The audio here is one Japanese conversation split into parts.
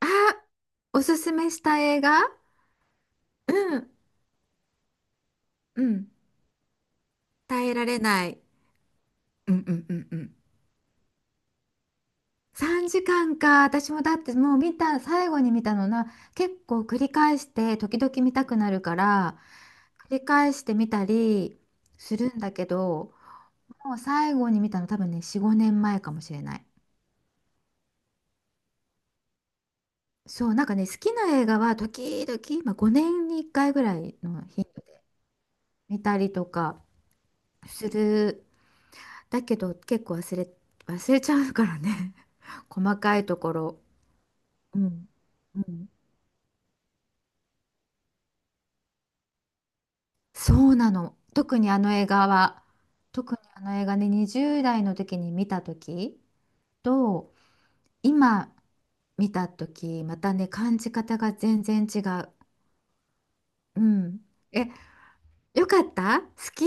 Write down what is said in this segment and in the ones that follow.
あ、おすすめした映画。うん、うん。耐えられない。うんうんうんうん。3時間かんか。私もだってもう見た、最後に見たのな、結構繰り返して、時々見たくなるから、繰り返して見たりするんだけど、もう最後に見たの多分ね、4、5年前かもしれない。そう、なんかね、好きな映画は時々、まあ、5年に1回ぐらいの頻度で見たりとかするだけど結構忘れちゃうからね 細かいところ。うん。うん。そうなの。特にあの映画ね、20代の時に見た時と、今見た時、またね、感じ方が全然違う。うん。え、よかった好き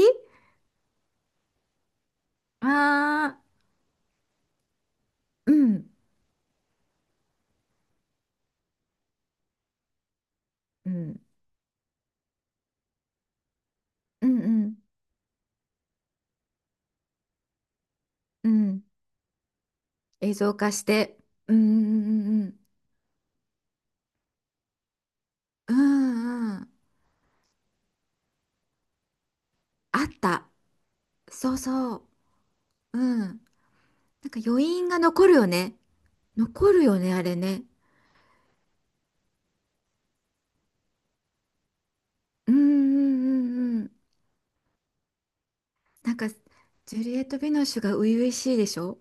ああー、うん。うん。うんうんうん。映像化して。うんうんうんうん。うんうん。あった。そうそう。うん。なんか余韻が残るよね。残るよね、あれね。うんうんうんうん。なんか、ジュリエット・ヴィノッシュが初々しいでしょ。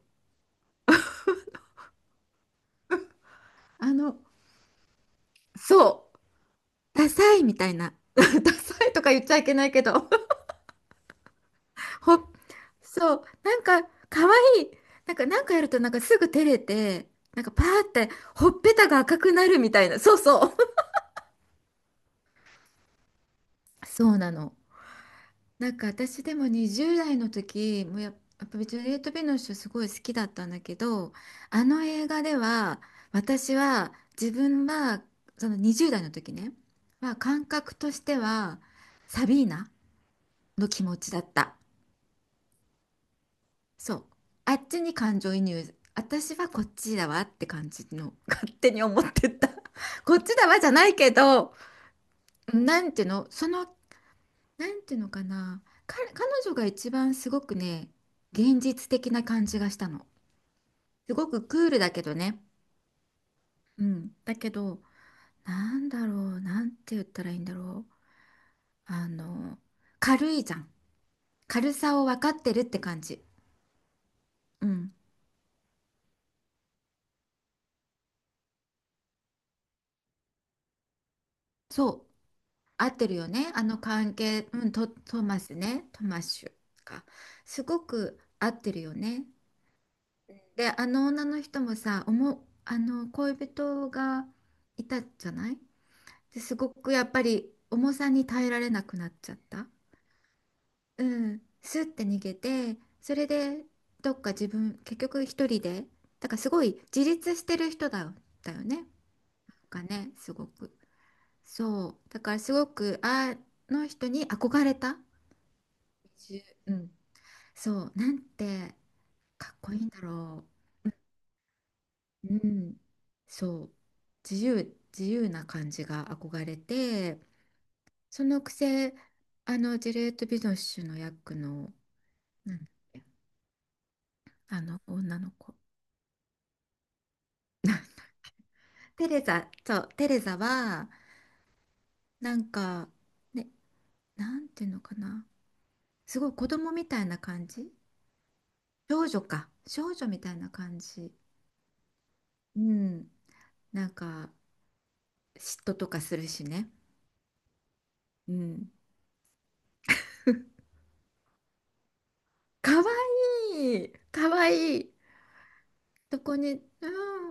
あの、そう、ダサいみたいな。ダサいとか言っちゃいけないけど。ほ、そう、なんか、可愛い。なんかやるとなんかすぐ照れて、なんかパーって、ほっぺたが赤くなるみたいな。そうそう。そうなの。なんか私でも20代の時もやっぱりジュリエット・ビノッシュすごい好きだったんだけど、あの映画では私は自分はその20代の時ねは、感覚としてはサビーナの気持ちだった。そう、あっちに感情移入、私はこっちだわって感じの勝手に思ってた こっちだわじゃないけど。なんていうのそのなんていうのかな、彼女が一番すごくね、現実的な感じがしたの。すごくクールだけどね。うん。だけど、なんだろう、なんて言ったらいいんだろう。あの、軽いじゃん。軽さを分かってるって感じ。うん。そう。合ってるよね。あの関係、うん、トマスね。トマッシュか。すごく合ってるよね。で、あの女の人もさ、あの恋人がいたじゃないで、すごくやっぱり重さに耐えられなくなっちゃった。うん、スッて逃げて、それでどっか自分結局一人で、だからすごい自立してる人だよね。がねすごく、そうだからすごくあの人に憧れた。じゅうん、そうなんてかっこいいんだろう。うん、そう、自由、自由な感じが憧れて。そのくせ、あの、ジェレート・ビノッシュの役の、なんだっけ、あの、女の子。テレザ、そう、テレザは、なんか、ね、なんていうのかな。すごい子供みたいな感じ、少女か。少女みたいな感じ。うん。なんか、嫉妬とかするしね。うん。かわいい。かわいい。そこに、う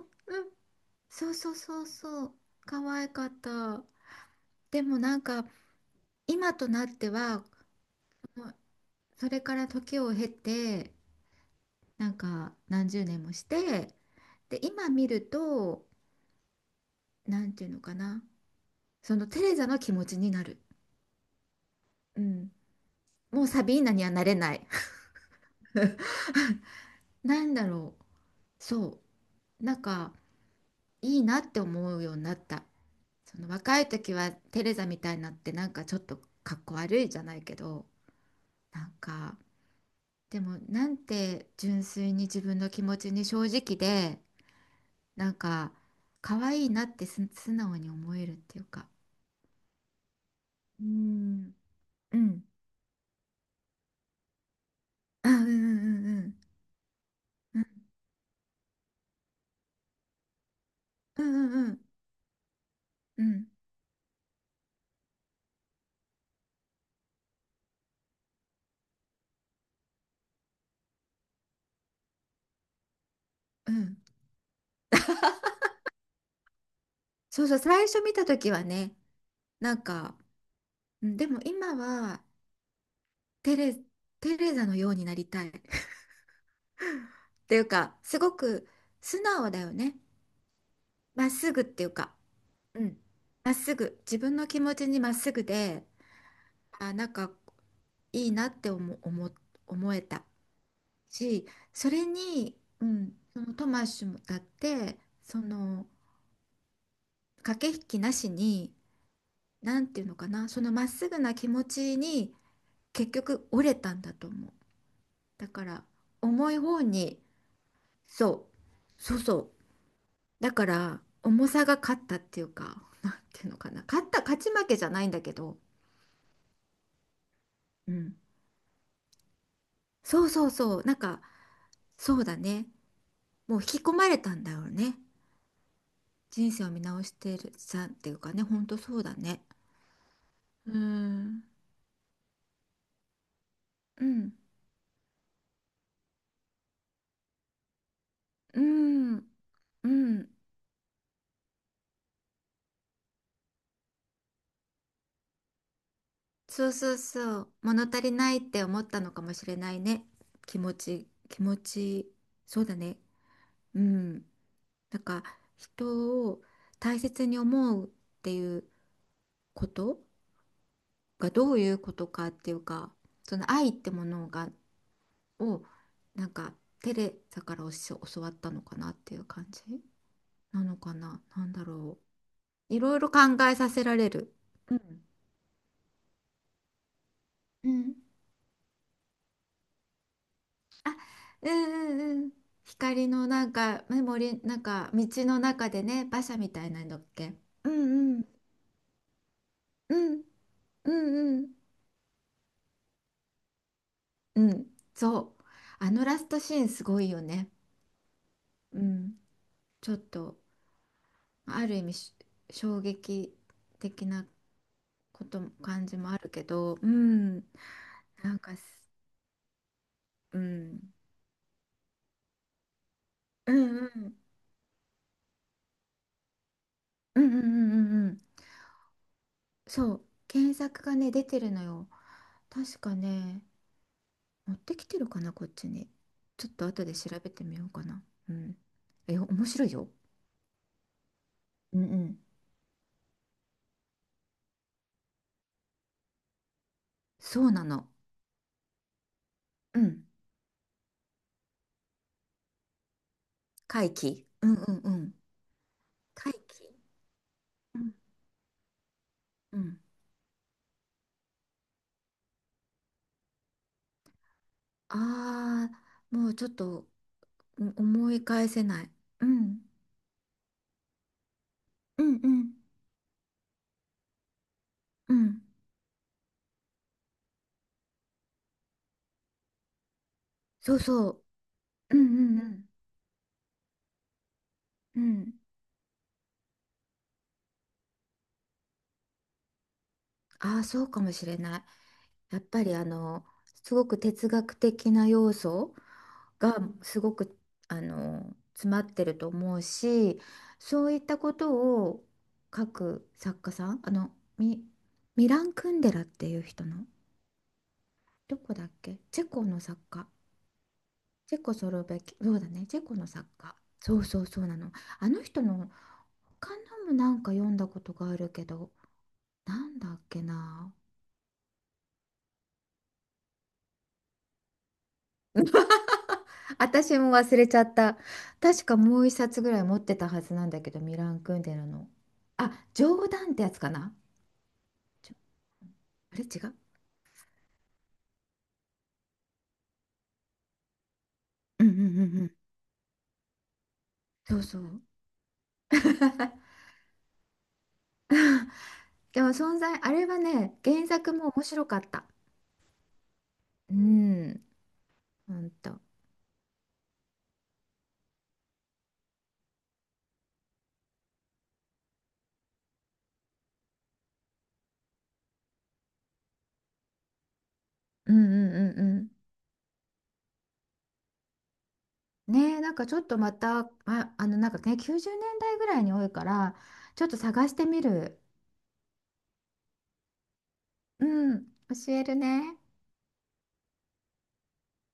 ん、うん。そうそうそうそう。かわいかった。でもなんか、今となってはもう、それから時を経て、なんか何十年もして、で今見ると、なんていうのかな、そのテレザの気持ちになる、うん、もうサビーナにはなれない。 なんだろう、そうなんか、いいなって思うようになった。その若い時はテレザみたいになってなんかちょっとかっこ悪いじゃないけど、なんか、でもなんて純粋に自分の気持ちに正直で、なんか可愛いなって素直に思えるっていうか。うーん、うん、あ、うんうんうんうんうんうん、うんうんうん、そうそう、最初見た時はね、なんか、うん、でも今は、テレ、テレザのようになりたい っていうか、すごく素直だよね。まっすぐっていうか、うん、まっすぐ自分の気持ちにまっすぐで、あ、なんかいいなって思えたし、それに、うん、そのトマッシュもだって、その駆け引きなしに、なんていうのかな、そのまっすぐな気持ちに結局折れたんだと思う。だから重い方に、そう、そうそう。だから重さが勝ったっていうか、なんていうのかな、勝った勝ち負けじゃないんだけど、うん、そうそうそう、なんか、そうだね、もう引き込まれたんだよね。人生を見直してるさんっていうかね、ほんとそうだね。うーん。うん、うん、うん。そうそうそう。物足りないって思ったのかもしれないね。気持ち、気持ち、そうだね。うん。なんか、人を大切に思うっていうことがどういうことかっていうか、その愛ってものが、を、なんか、テレサから教わったのかなっていう感じなのかな。なんだろう。いろいろ考えさせられる。うん、うん、あ、うんうんうん、光のなんかメモリ、なんか道の中でね、馬車みたいなのっけ、うんうんうんうんうんうんそう、あのラストシーンすごいよね。うん、ちょっと、ある意味衝撃的なことも感じもあるけど、うん、なんかす、うん、うんうんうんうんうんうんうん、そう検索がね出てるのよ、確かね。持ってきてるかな、こっちに。ちょっと後で調べてみようかな。うん。え、面白いよ。うんうん。そうなの。うん。回帰。うんうんうん。回帰。うんうん。ああ、もうちょっと、うん、思い返せない。うん。うんうんうん。そうそう。うんうんうん。うん。ああ、そうかもしれない。やっぱりあの、すごく哲学的な要素がすごく、あの、詰まってると思うし、そういったことを書く作家さん、あの、ミ、ミラン・クンデラっていう人の、どこだっけ、チェコの作家。チェコスロベキそうだね、チェコの作家。そうそうそうなの。あの人の他のもなんか読んだことがあるけど、なんだっけな。私も忘れちゃった。確かもう一冊ぐらい持ってたはずなんだけど、ミラン・クンデラの、あ、冗談ってやつかな。ちょあれ違う。うんうんうんうん。そうそう。でも存在、あれはね、原作も面白かった。うん、ほんと。うんうんうんうん。ねえ、なんかちょっとまた、あ、あの、なんかね、90年代ぐらいに多いから、ちょっと探してみる。うん、教えるね。